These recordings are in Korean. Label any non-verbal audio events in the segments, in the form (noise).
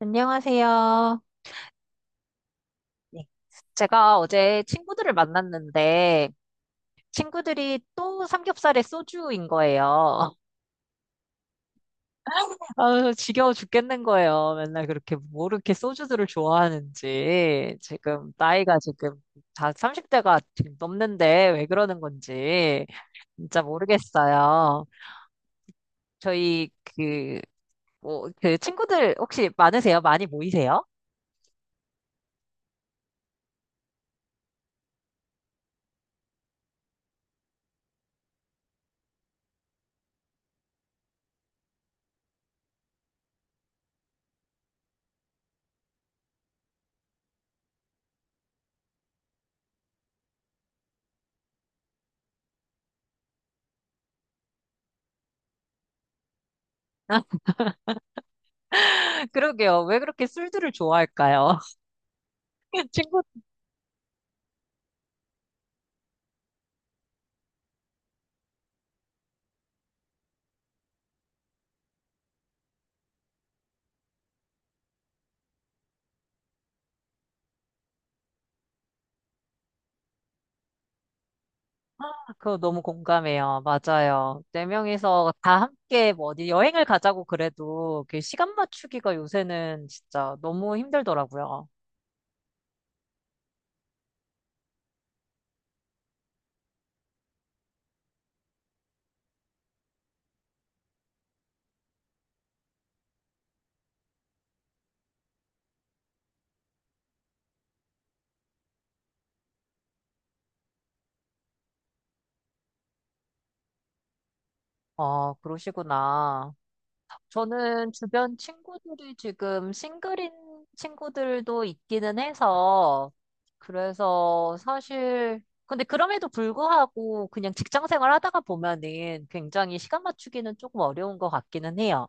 안녕하세요. 네. 제가 어제 친구들을 만났는데 친구들이 또 삼겹살에 소주인 거예요. (laughs) 아, 지겨워 죽겠는 거예요. 맨날 그렇게 뭐 이렇게 소주들을 좋아하는지 지금 나이가 지금 다 30대가 지금 넘는데 왜 그러는 건지 진짜 모르겠어요. 저희 그 뭐, 그 친구들 혹시 많으세요? 많이 모이세요? (laughs) 그러게요. 왜 그렇게 술들을 좋아할까요? (laughs) 친구, 그거 너무 공감해요. 맞아요. 네 명이서 다 함께 뭐 어디 여행을 가자고 그래도 그 시간 맞추기가 요새는 진짜 너무 힘들더라고요. 어, 그러시구나. 저는 주변 친구들이 지금 싱글인 친구들도 있기는 해서, 그래서 사실, 근데 그럼에도 불구하고 그냥 직장 생활 하다가 보면은 굉장히 시간 맞추기는 조금 어려운 것 같기는 해요.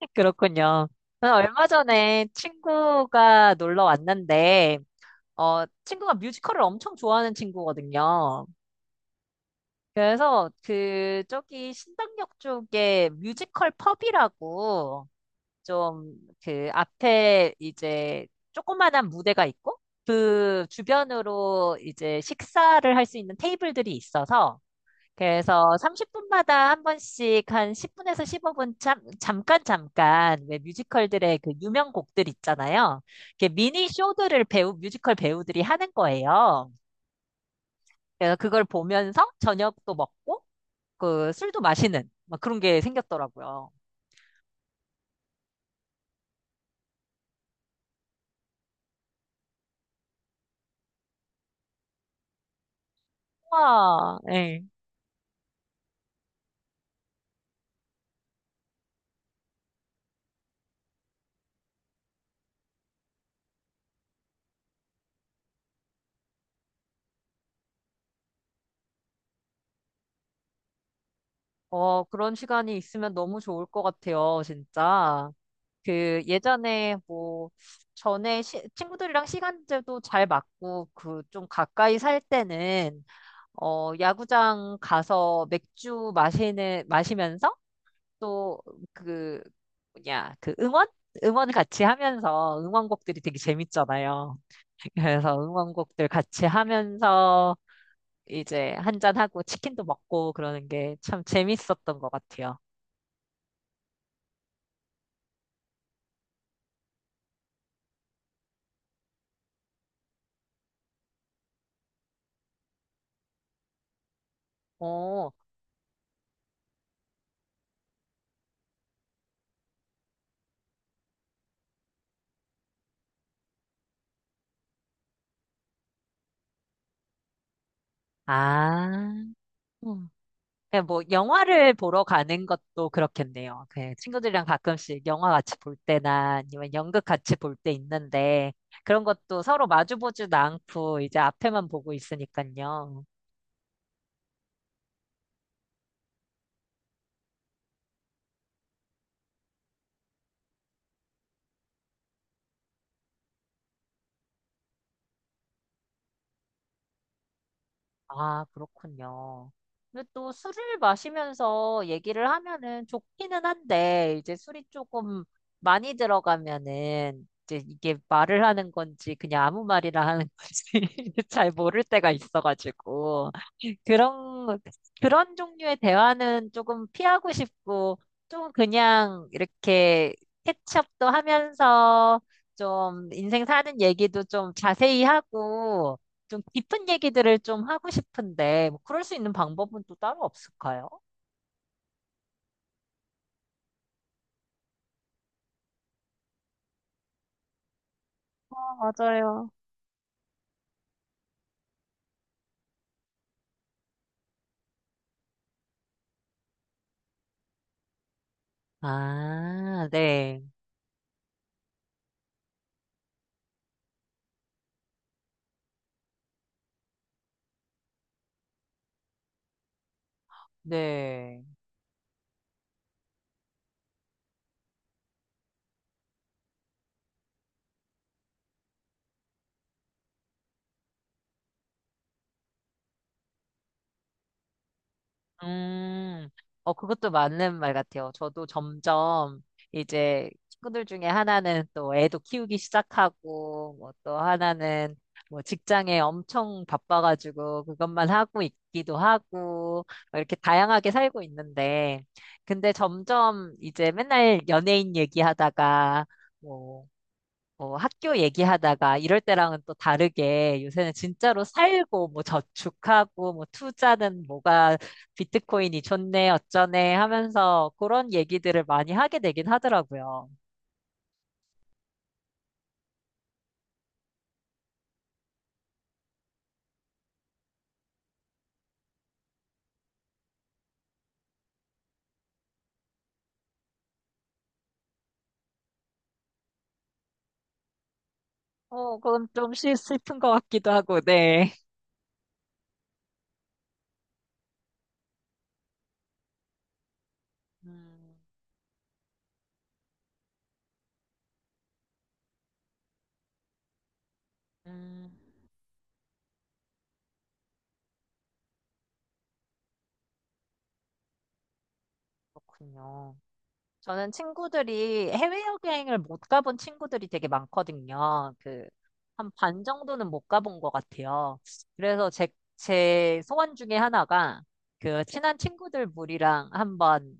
(laughs) 그렇군요. 저는 얼마 전에 친구가 놀러 왔는데, 어, 친구가 뮤지컬을 엄청 좋아하는 친구거든요. 그래서 그, 저기 신당역 쪽에 뮤지컬 펍이라고, 좀 그 앞에 이제 조그만한 무대가 있고 그 주변으로 이제 식사를 할 수 있는 테이블들이 있어서 그래서 30분마다 한 번씩 한 10분에서 15분 참, 잠깐 잠깐 왜 뮤지컬들의 그 유명 곡들 있잖아요. 이렇게 미니 쇼들을 배우 뮤지컬 배우들이 하는 거예요. 그래서 그걸 보면서 저녁도 먹고 그 술도 마시는 막 그런 게 생겼더라고요. 와, 어, 그런 시간이 있으면 너무 좋을 것 같아요, 진짜. 그 예전에 뭐 전에 시- 친구들이랑 시간제도 잘 맞고 그 좀 가까이 살 때는 어, 야구장 가서 맥주 마시는 마시면서 또 그 뭐냐 그 응원 응원 같이 하면서 응원곡들이 되게 재밌잖아요. (laughs) 그래서 응원곡들 같이 하면서 이제 한 잔하고 치킨도 먹고 그러는 게 참 재밌었던 것 같아요. 어, 아, 음. 그냥 뭐 영화를 보러 가는 것도 그렇겠네요. 그 친구들이랑 가끔씩 영화 같이 볼 때나 아니면 연극 같이 볼 때 있는데 그런 것도 서로 마주 보지도 않고 이제 앞에만 보고 있으니까요. 아, 그렇군요. 근데 또 술을 마시면서 얘기를 하면은 좋기는 한데, 이제 술이 조금 많이 들어가면은, 이제 이게 말을 하는 건지, 그냥 아무 말이나 하는 건지, (laughs) 잘 모를 때가 있어가지고. 그런, 그런 종류의 대화는 조금 피하고 싶고, 좀 그냥 이렇게 캐치업도 하면서, 좀 인생 사는 얘기도 좀 자세히 하고, 좀 깊은 얘기들을 좀 하고 싶은데, 뭐 그럴 수 있는 방법은 또 따로 없을까요? 아, 맞아요. 아, 네, 네. 음, 어, 그것도 맞는 말 같아요. 저도 점점 이제 친구들 중에 하나는 또 애도 키우기 시작하고, 뭐 또 하나는 뭐 직장에 엄청 바빠가지고 그것만 하고 있기도 하고, 뭐 이렇게 다양하게 살고 있는데, 근데 점점 이제 맨날 연예인 얘기하다가, 뭐 어, 학교 얘기하다가 이럴 때랑은 또 다르게 요새는 진짜로 살고 뭐 저축하고 뭐 투자는 뭐가 비트코인이 좋네 어쩌네 하면서 그런 얘기들을 많이 하게 되긴 하더라고요. 어, 그건 좀 슬- 슬픈 것 같기도 하고, 네. 음, 음, 그렇군요. 저는 친구들이 해외여행을 못 가본 친구들이 되게 많거든요. 그, 한 반 정도는 못 가본 것 같아요. 그래서 제 소원 중에 하나가 그 친한 친구들 무리랑 한번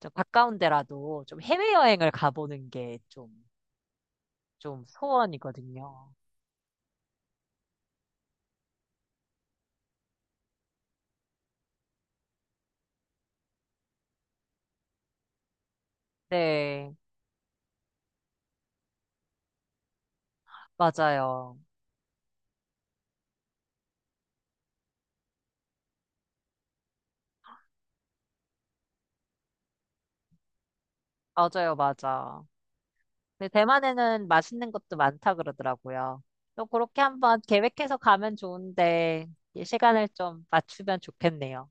좀 가까운 데라도 좀 해외여행을 가보는 게 좀, 좀 소원이거든요. 네, 맞아요. 맞아요, 맞아. 근데 대만에는 맛있는 것도 많다 그러더라고요. 또 그렇게 한번 계획해서 가면 좋은데 이 시간을 좀 맞추면 좋겠네요.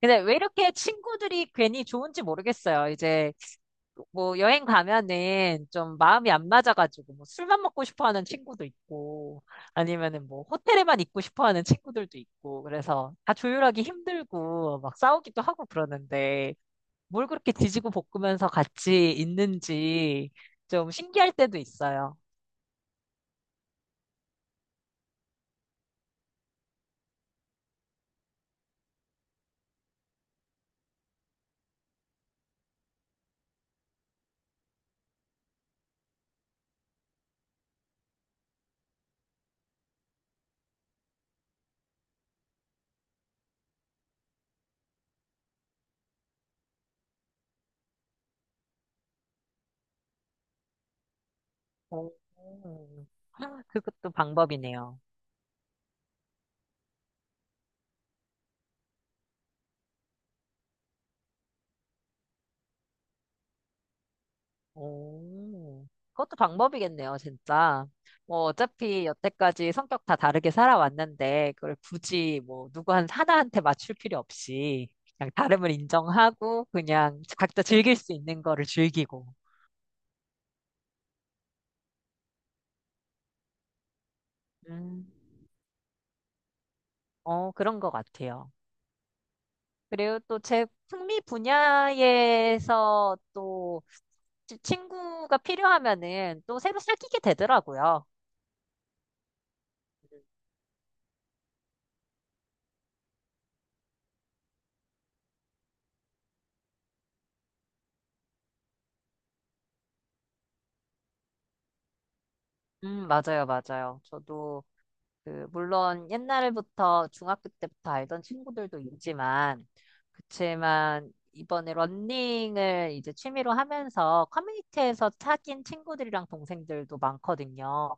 근데 왜 이렇게 친구들이 괜히 좋은지 모르겠어요. 이제 뭐 여행 가면은 좀 마음이 안 맞아가지고 뭐 술만 먹고 싶어 하는 친구도 있고 아니면은 뭐 호텔에만 있고 싶어 하는 친구들도 있고 그래서 다 조율하기 힘들고 막 싸우기도 하고 그러는데 뭘 그렇게 뒤지고 볶으면서 같이 있는지 좀 신기할 때도 있어요. 오, 그것도 방법이네요. 오, 그것도 방법이겠네요, 진짜. 뭐, 어차피 여태까지 성격 다 다르게 살아왔는데, 그걸 굳이 뭐, 누구 한, 하나한테 맞출 필요 없이, 그냥 다름을 인정하고, 그냥 각자 즐길 수 있는 거를 즐기고. 음, 어, 그런 것 같아요. 그리고 또 제 흥미 분야에서 또 지- 친구가 필요하면은 또 새로 사귀게 되더라고요. 맞아요, 맞아요. 저도 그 물론 옛날부터 중학교 때부터 알던 친구들도 있지만 그치만 이번에 러닝을 이제 취미로 하면서 커뮤니티에서 사귄 친구들이랑 동생들도 많거든요.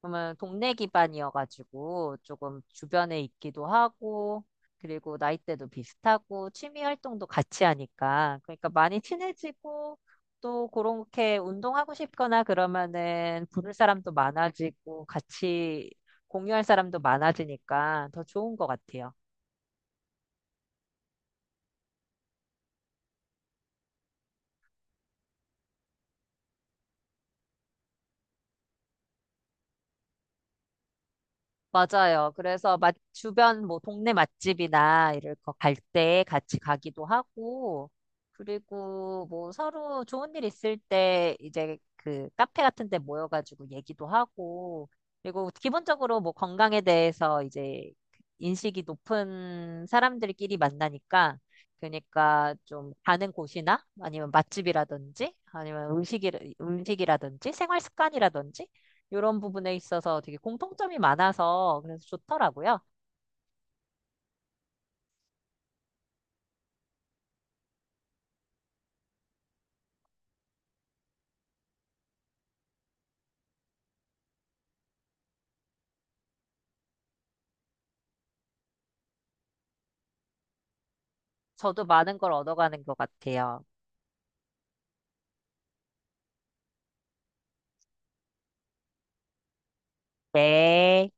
그러면 동네 기반이어가지고 조금 주변에 있기도 하고, 그리고 나이대도 비슷하고, 취미 활동도 같이 하니까. 그러니까 많이 친해지고, 또 그렇게 운동하고 싶거나 그러면은 부를 사람도 많아지고, 같이 공유할 사람도 많아지니까 더 좋은 것 같아요. 맞아요. 그래서 맛, 주변 뭐 동네 맛집이나 이럴 거 갈 때 같이 가기도 하고, 그리고 뭐 서로 좋은 일 있을 때 이제 그 카페 같은 데 모여가지고 얘기도 하고, 그리고 기본적으로 뭐 건강에 대해서 이제 인식이 높은 사람들끼리 만나니까, 그러니까 좀 가는 곳이나 아니면 맛집이라든지 아니면 음식이라든지 생활 습관이라든지 이런 부분에 있어서 되게 공통점이 많아서 그래서 좋더라고요. 저도 많은 걸 얻어가는 것 같아요. 네.